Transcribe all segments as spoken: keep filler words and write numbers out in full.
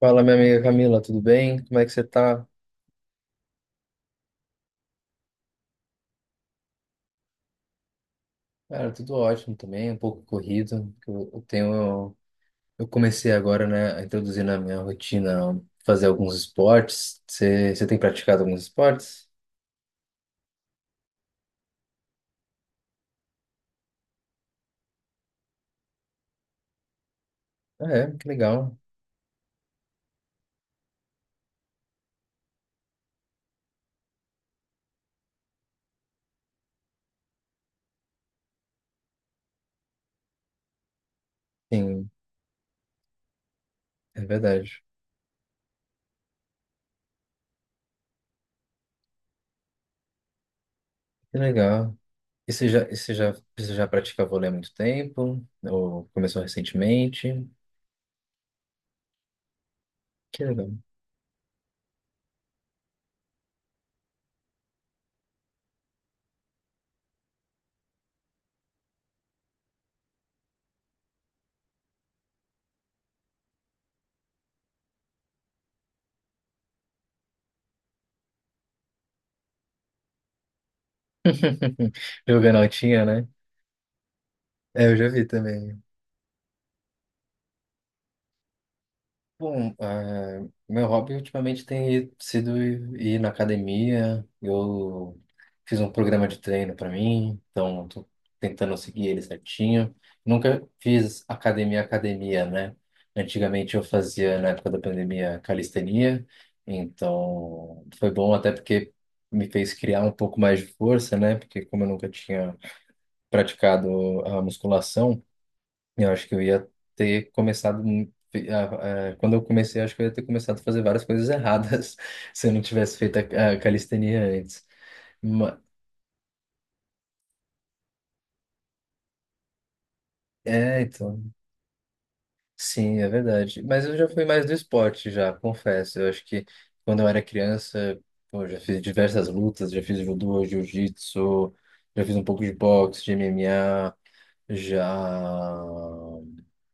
Fala, minha amiga Camila, tudo bem? Como é que você tá? Cara, tudo ótimo também, um pouco corrido. Que Eu, eu tenho, eu comecei agora, né, a introduzir na minha rotina fazer alguns esportes. Você, você tem praticado alguns esportes? Ah, é, que legal. Sim, é verdade. Que legal. E você já, e você já, você já pratica vôlei há muito tempo? Ou começou recentemente? Que legal. Jogando altinha, né? É, eu já vi também. Bom, eh, meu hobby ultimamente tem sido ir ir na academia. Eu fiz um programa de treino para mim, então tô tentando seguir ele certinho. Nunca fiz academia, academia, né? Antigamente eu fazia, na época da pandemia, calistenia, então foi bom até porque me fez criar um pouco mais de força, né? Porque como eu nunca tinha praticado a musculação, eu acho que eu ia ter começado. mu- fe- a- a- Quando eu comecei, eu acho que eu ia ter começado a fazer várias coisas erradas se eu não tivesse feito a, a calistenia antes. Ma- É, então. Sim, é verdade. Mas eu já fui mais do esporte, já, confesso. Eu acho que quando eu era criança, pô, eu já fiz diversas lutas, já fiz judô, jiu-jitsu, já fiz um pouco de boxe, de M M A, já.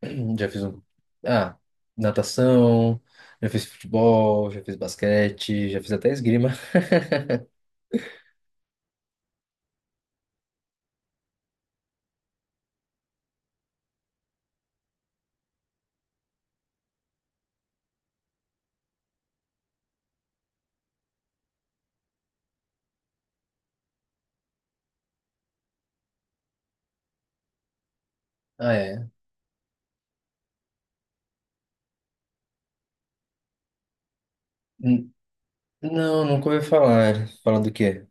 Já fiz um. Ah, natação, já fiz futebol, já fiz basquete, já fiz até esgrima. Ah, é. N- Não, nunca ouvi falar. Falando do quê?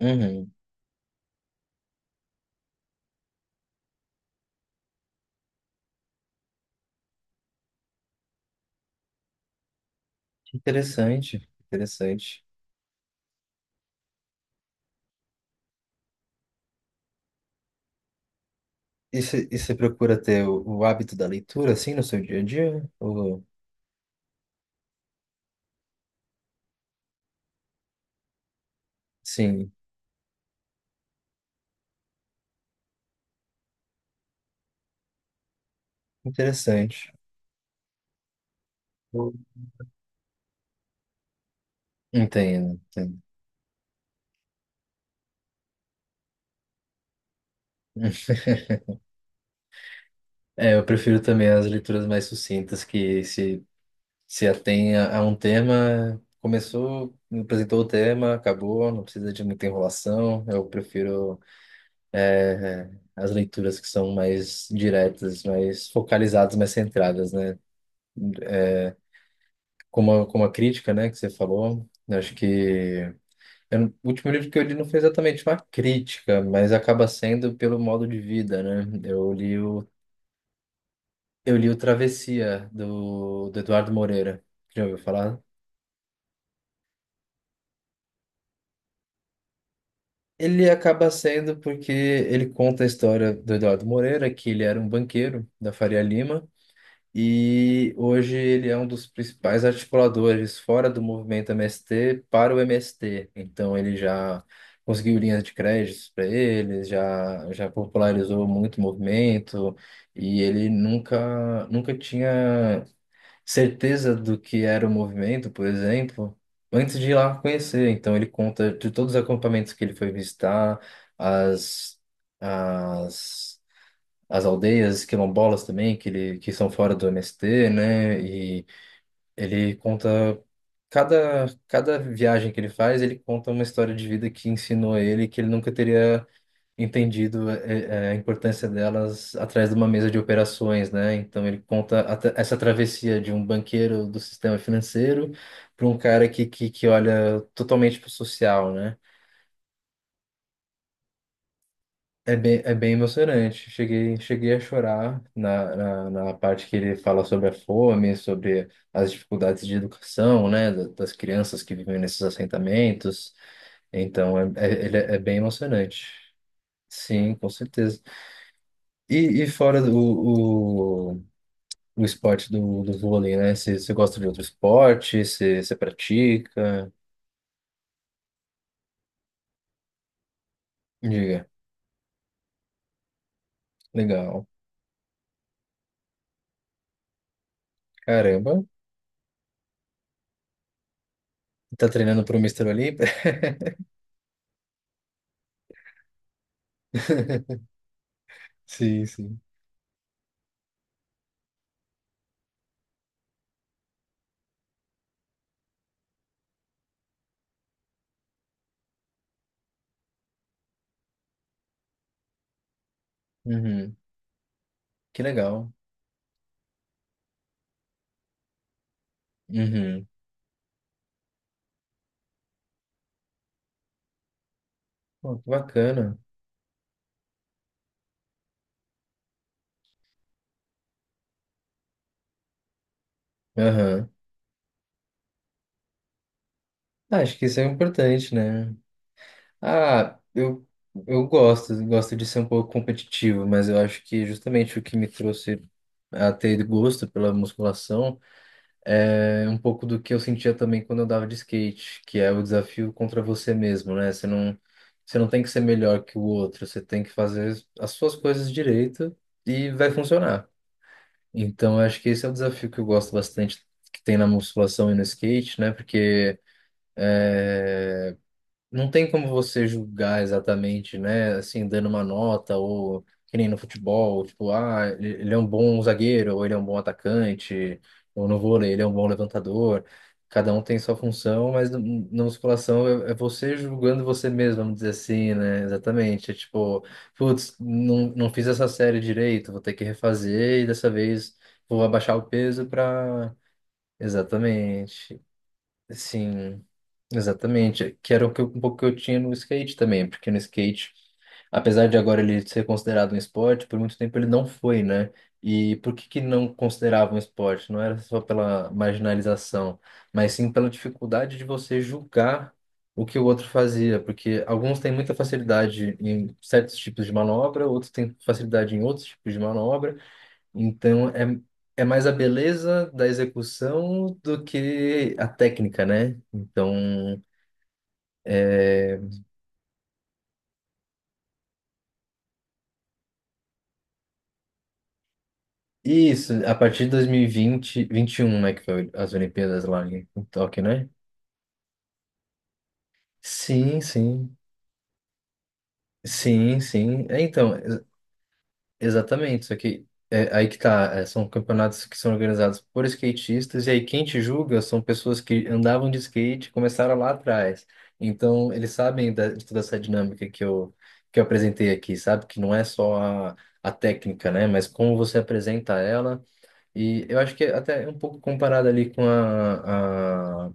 Uhum. Interessante, interessante. E você procura ter o, o hábito da leitura, assim, no seu dia a dia? Ou. Sim, interessante. Entendo, entendo. É, eu prefiro também as leituras mais sucintas que se se atém a a um tema, começou, apresentou o tema, acabou, não precisa de muita enrolação. Eu prefiro as leituras que são mais diretas, mais focalizadas, mais centradas, né? É, Como a, como a crítica, né, que você falou, eu acho que eu, não- o último livro que eu li não foi exatamente uma crítica, mas acaba sendo pelo modo de vida, né? Eu li o, eu li o Travessia, do, do Eduardo Moreira. Já ouviu falar? Ele acaba sendo porque ele conta a história do Eduardo Moreira, que ele era um banqueiro da Faria Lima e hoje ele é um dos principais articuladores fora do movimento M S T para o M S T. Então ele já conseguiu linhas de créditos para eles, já já popularizou muito o movimento e ele nunca nunca tinha certeza do que era o movimento, por exemplo, antes de ir lá conhecer. Então, ele conta de todos os acampamentos que ele foi visitar, as, as, as aldeias quilombolas também, que, ele, que são fora do M S T, né? E ele conta. Cada, cada viagem que ele faz, ele conta uma história de vida que ensinou ele que ele nunca teria entendido é, é, a importância delas atrás de uma mesa de operações, né? Então ele conta a tra- essa travessia de um banqueiro do sistema financeiro para um cara que, que, que olha totalmente para o social, né? É bem, é bem emocionante. Cheguei, cheguei a chorar na, na, na parte que ele fala sobre a fome, sobre as dificuldades de educação, né? da- Das crianças que vivem nesses assentamentos. Então, é, é, ele é bem emocionante. Sim, com certeza. E, e fora do, o, o esporte do, do vôlei, né? Você você gosta de outro esporte? Você você pratica? Diga. Legal. Caramba. Tá treinando pro Mister Olímpia? Sim, sim. Uhum. Que legal. Uhum. Pô, que bacana. Aham. Ah, acho que isso é importante, né? Ah, eu, eu gosto, gosto de ser um pouco competitivo, mas eu acho que justamente o que me trouxe a ter gosto pela musculação. É um pouco do que eu sentia também quando eu dava de skate, que é o desafio contra você mesmo, né? Você não, você não tem que ser melhor que o outro, você tem que fazer as suas coisas direito e vai funcionar. Então, eu acho que esse é o desafio que eu gosto bastante que tem na musculação e no skate, né? Porque é, não tem como você julgar exatamente, né? Assim, dando uma nota ou que nem no futebol, tipo, ah, ele ele é um bom zagueiro, ou ele é um bom atacante, ou no vôlei, ele é um bom levantador. Cada um tem sua função, mas n- na musculação é é você julgando você mesmo, vamos dizer assim, né? Exatamente. É tipo, putz, não, não fiz essa série direito, vou ter que refazer e dessa vez vou abaixar o peso para. Exatamente. Sim. Exatamente, que era o que eu- um pouco que eu tinha no skate também, porque no skate, apesar de agora ele ser considerado um esporte, por muito tempo ele não foi, né? E por que que não considerava um esporte? Não era só pela marginalização, mas sim pela dificuldade de você julgar o que o outro fazia, porque alguns têm muita facilidade em certos tipos de manobra, outros têm facilidade em outros tipos de manobra, então é É mais a beleza da execução do que a técnica, né? Então, é, e isso, a partir de dois mil e vinte, vinte e um, né, que foi as Olimpíadas lá em em Tóquio, né? Sim, sim. Sim, sim. É, então, ex- exatamente. Só que é aí que tá. é, são campeonatos que são organizados por skatistas, e aí quem te julga são pessoas que andavam de skate e começaram lá atrás. Então, eles sabem da, de toda essa dinâmica que eu, que eu apresentei aqui, sabe? Que não é só a, a técnica, né? Mas como você apresenta ela. E eu acho que é até é um pouco comparado ali com a, a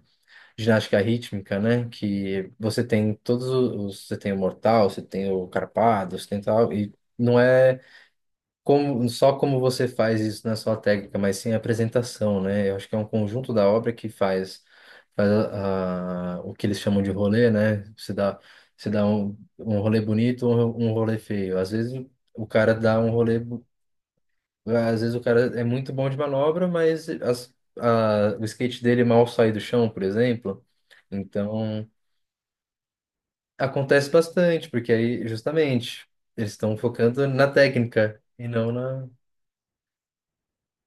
ginástica rítmica, né? Que você tem todos os, você tem o mortal, você tem o carpado, você tem tal, e não é como, só como você faz isso na sua técnica, mas sim a apresentação, né? Eu acho que é um conjunto da obra que faz, faz a, a- o que eles chamam de rolê, né? Você dá, você dá um, um rolê bonito ou um rolê feio. Às vezes o cara dá um rolê. Às vezes o cara é muito bom de manobra, mas as, a, o skate dele mal sai do chão, por exemplo. Então, acontece bastante, porque aí, justamente, eles estão focando na técnica e não na.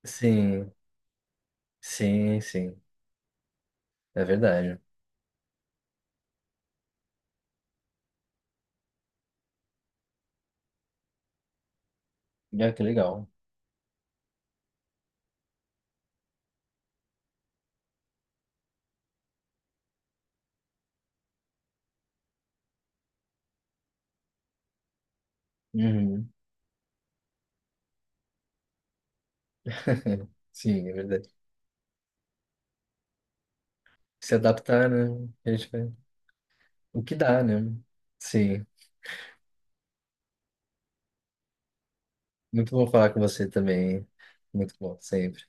Sim, sim, sim. É verdade. Ah, que legal. Uhum. Sim, é verdade. Se adaptar, né? A gente vai. O que dá, né? Sim. Muito bom falar com você também. Muito bom, sempre.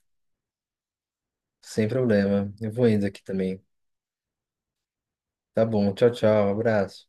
Sem problema. Eu vou indo aqui também. Tá bom, tchau, tchau, abraço.